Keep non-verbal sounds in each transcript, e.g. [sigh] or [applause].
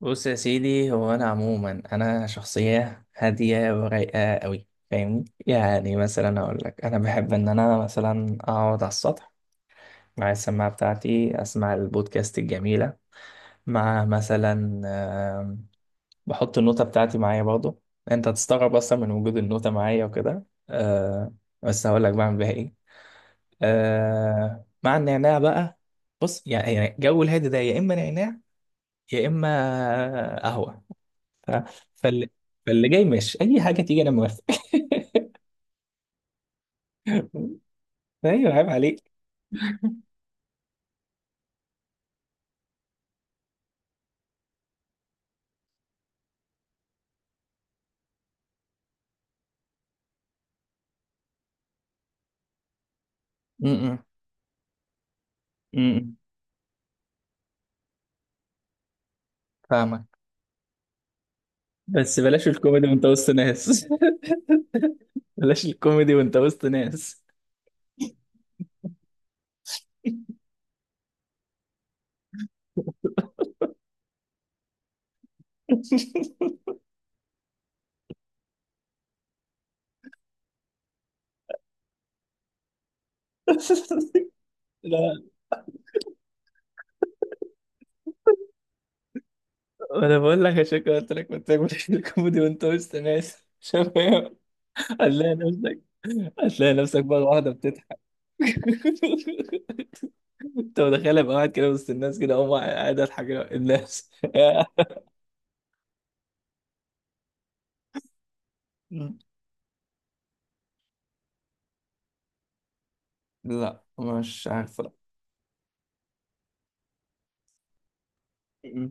بص يا سيدي، هو انا عموما انا شخصيه هاديه ورايقه قوي، فاهمني؟ يعني مثلا اقول لك انا بحب ان انا مثلا اقعد على السطح مع السماعه بتاعتي اسمع البودكاست الجميله مع مثلا آم، بحط النوتة بتاعتي معايا برضو. انت هتستغرب اصلا من وجود النوتة معايا وكده. آه، بس هقول لك بعمل بيها ايه. آه، مع النعناع بقى. بص، يعني جو الهادي ده يا اما نعناع يا اما قهوه. ف- فاللي فاللي جاي ماشي، اي حاجه تيجي انا موافق. [laughs] ايوه، عيب عليك. م- م- م- فاهمك. بس بلاش الكوميدي وانت وسط ناس. [laughs] بلاش الكوميدي وانت وسط ناس. [laughs] لا، انا بقول لك عشان كده، قلت لك بلاش الكوميدي وانت وسط ناس. [laughs] شباب. هتلاقي نفسك هتلاقي نفسك بقى واحده بتضحك. [laughs] انت متخيل ابقى قاعد كده وسط الناس، كده اقوم قاعد اضحك كده، الناس. [laughs] لا، مش عارف. لا.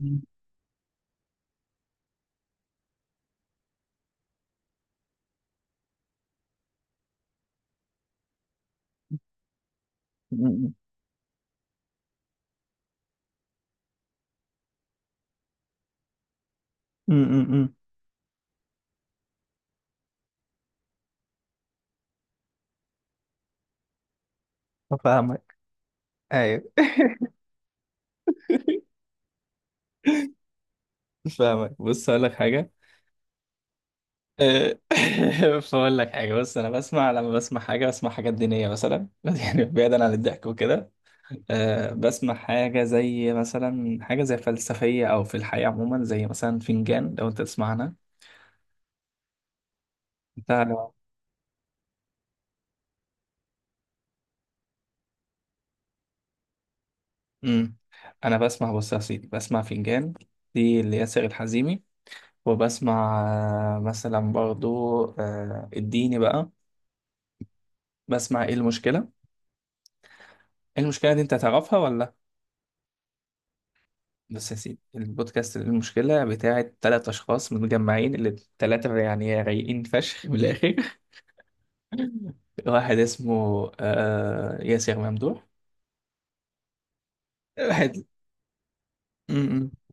مم. مم. مم. مم. فاهمك، ايوه. [laughs] فاهمك، بص هقول لك حاجه. آه، [laughs] فاقول لك حاجه. بص، انا بسمع، لما بسمع حاجه بسمع حاجات دينيه مثلا. [laughs] يعني بعيدا عن الضحك وكده. بسمع حاجه زي مثلا، حاجه زي فلسفيه او في الحياه عموما، زي مثلا فنجان لو انت تسمعنا. انت لو امم انا بسمع، بص يا سيدي، بسمع فنجان، دي اللي ياسر الحزيمي. وبسمع مثلا برضو الديني بقى. بسمع ايه المشكلة إيه المشكلة، دي انت هتعرفها ولا؟ بس يا سيدي، البودكاست المشكلة بتاعت 3 اشخاص متجمعين، اللي التلاتة يعني رايقين فشخ من الاخر. [laughs] واحد اسمه ياسر ممدوح. واحد. م- م-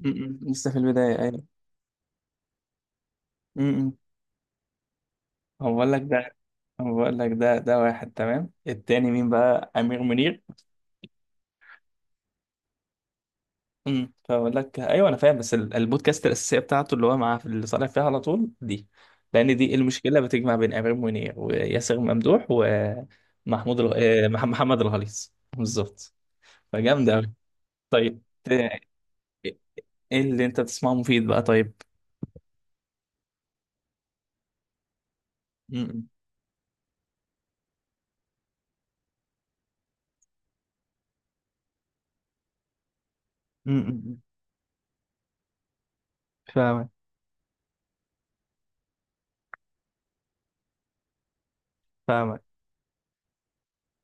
م- م. لسه في البداية، ايوه. م- م. هو بقول لك ده هو بقول لك ده، ده واحد تمام. التاني مين بقى؟ امير منير. فاقول لك ايوه، انا فاهم، بس البودكاست الاساسيه بتاعته اللي هو مع، في اللي طالع فيها على طول دي. لان دي إيه المشكله، بتجمع بين امير منير وياسر ممدوح ومحمود محمد الغليظ. بالظبط، فجامده قوي. طيب ايه اللي انت بتسمعه مفيد بقى طيب؟ امم امم فاهمك فاهمك،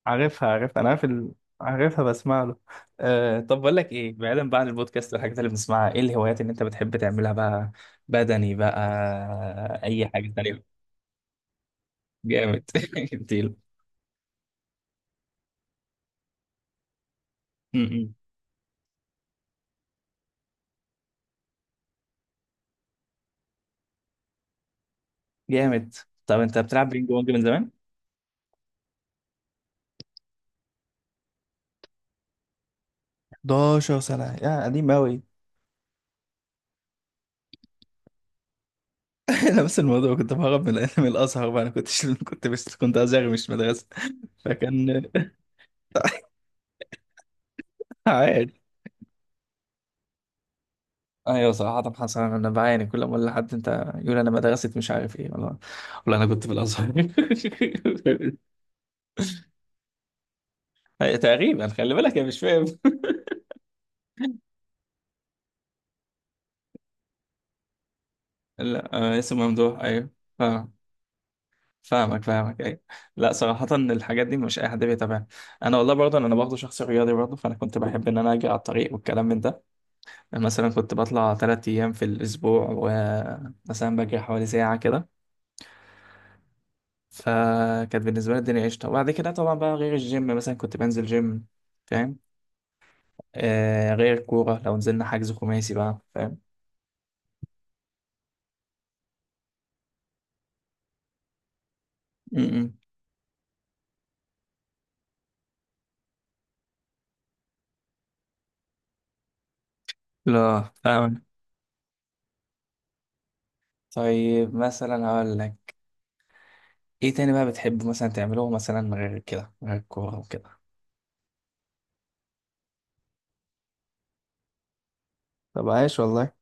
عارفها عارفها، عارفها، بسمع له. طب بقول لك ايه، بعيدا بقى عن البودكاست والحاجات اللي بنسمعها، ايه الهوايات اللي انت بتحب تعملها بقى؟ بدني بقى؟ اي حاجه تانية؟ جامد. [laughs] جميل. جامد. طب انت بتلعب بينج بونج من زمان؟ [laughs] 11 سنة يا قديم أوي. [laughs] انا نفس الموضوع، كنت بهرب من الانمي الازهر بقى، انا كنت [laughs] كنت، بس كنت ازهر مش مدرسه، فكان [laughs] عادي. ايوه صراحه، حصل، انا بعاني كل ما اقول لحد انت، يقول انا مدرسه، مش عارف ايه، والله. والله انا كنت في الازهر. [laughs] أي، تقريبا، خلي بالك انا مش فاهم. لا اسم ممدوح ايوه. آه. فاهمك فاهمك، ايوه. لا صراحة الحاجات دي مش اي حد بيتابعها. انا والله برضه، انا برضه شخص رياضي برضه، فانا كنت بحب ان انا اجي على الطريق والكلام من ده. مثلا كنت بطلع 3 ايام في الاسبوع، ومثلا بجري حوالي ساعة كده. فكانت بالنسبة لي الدنيا قشطة. وبعد كده طبعا بقى، غير الجيم مثلا كنت بنزل جيم، فاهم. آه، غير الكورة، لو نزلنا حجز خماسي بقى، فاهم. م- م. لا فاهم. طيب مثلا هقول لك، ايه تاني بقى بتحب مثلا تعمله، مثلا غير كده، غير الكورة وكده؟ طب عايش والله.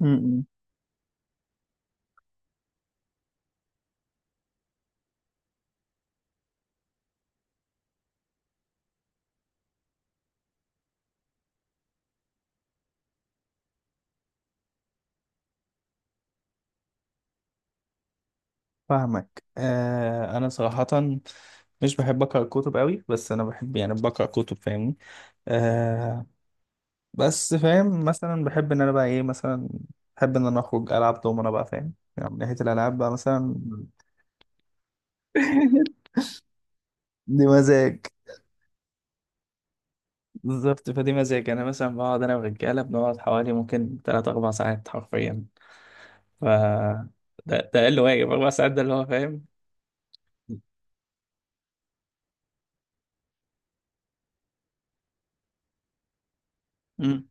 م- م. فاهمك، انا صراحة مش بحب اقرا كتب قوي، بس انا بحب يعني بقرا كتب فاهمني. آه بس فاهم، مثلا بحب ان انا بقى ايه مثلا، بحب ان انا اخرج العب دومنة بقى، فاهم، يعني من ناحية الالعاب بقى مثلا. [laughs] دي مزاج. بالظبط، فدي مزاج، انا مثلا بقعد انا والرجاله، بنقعد حوالي ممكن تلات اربع ساعات حرفيا. ف ده اقل واجب 4 ساعات، ده اللي هو فاهم. امم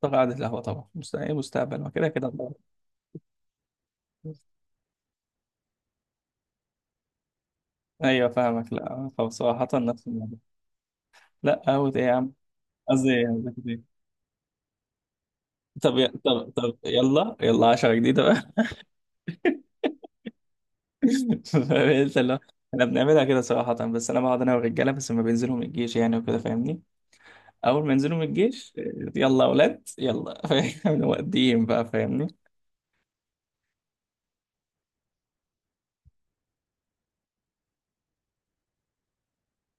طبعا، قعدة القهوه طبعا، مستقبل مستقبل، ما كده كده طبعا. ايوه فاهمك. لا، طب صراحة نفس الموضوع. لا اوت ايه يا عم؟ قصدي يعني، ذاك دي. طب يا- طب طب يلا، يلا، عشرة جديدة بقى. [laughs] فقلت لا، احنا بنعملها كده صراحة، بس انا بقعد انا والرجالة، بس لما بينزلوا من الجيش، يعني وكده فاهمني. اول ما ينزلوا من الجيش يلا اولاد يلا. [laughs] فاهم، مقدمين بقى فاهمني.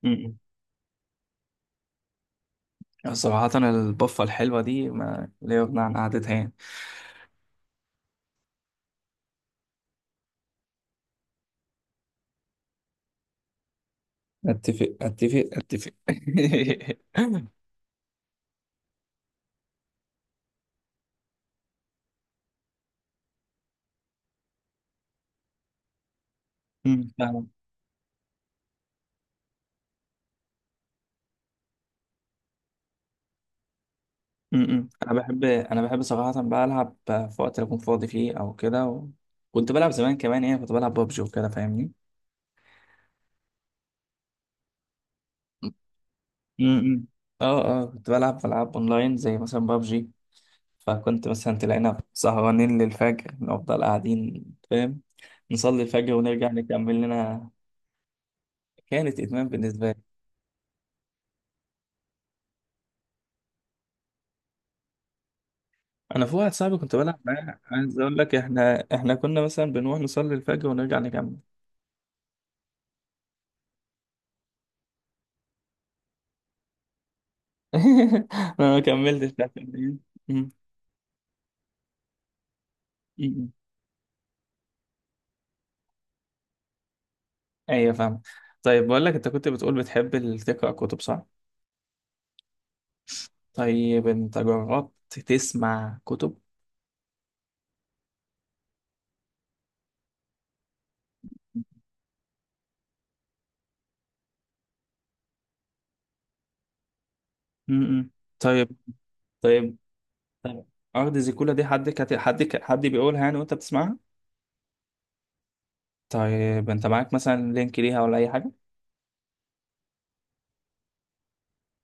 م-م. صراحة البفة الحلوة دي ما لا يغنى عن قعدتها، يعني. اتفق اتفق اتفق. [laughs] فاهمك. انا بحب صراحه بقى، العب في وقت اللي اكون فاضي فيه او كده و... كنت بلعب زمان كمان، يعني كنت بلعب ببجي وكده فاهمني. م-م. اه اه، كنت بلعب العاب اونلاين زي مثلا ببجي. فكنت مثلا تلاقينا سهرانين للفجر، نفضل قاعدين، فاهم. نصلي الفجر ونرجع نكمل لنا. كانت ادمان بالنسبه لي. انا في واحد صاحبي كنت بلعب معاه، عايز اقول لك، احنا كنا مثلا بنروح نصلي الفجر ونرجع نكمل. [laughs] انا ما كملتش بتاعت. م-م. ايوه، فاهم. طيب بقول لك، انت كنت بتقول بتحب تقرا كتب، صح؟ طيب انت جربت تسمع كتب؟ امم طيب. طيب. طيب. ارض زيكولا دي، حد كت... حد ك... حد بيقولها يعني وانت بتسمعها؟ طيب انت معاك مثلا لينك ليها ولا اي حاجه؟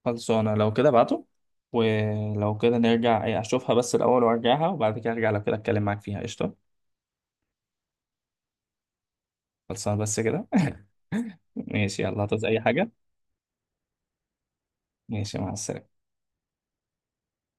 خلصانه لو كده ابعته. ولو كده نرجع اشوفها بس الاول وارجعها، وبعد كده ارجع، لو كده اتكلم معاك فيها، قشطه. خلصانه بس كده. [laughs] ماشي، يلا، هتعوز اي حاجه؟ ماشي، مع السلامه.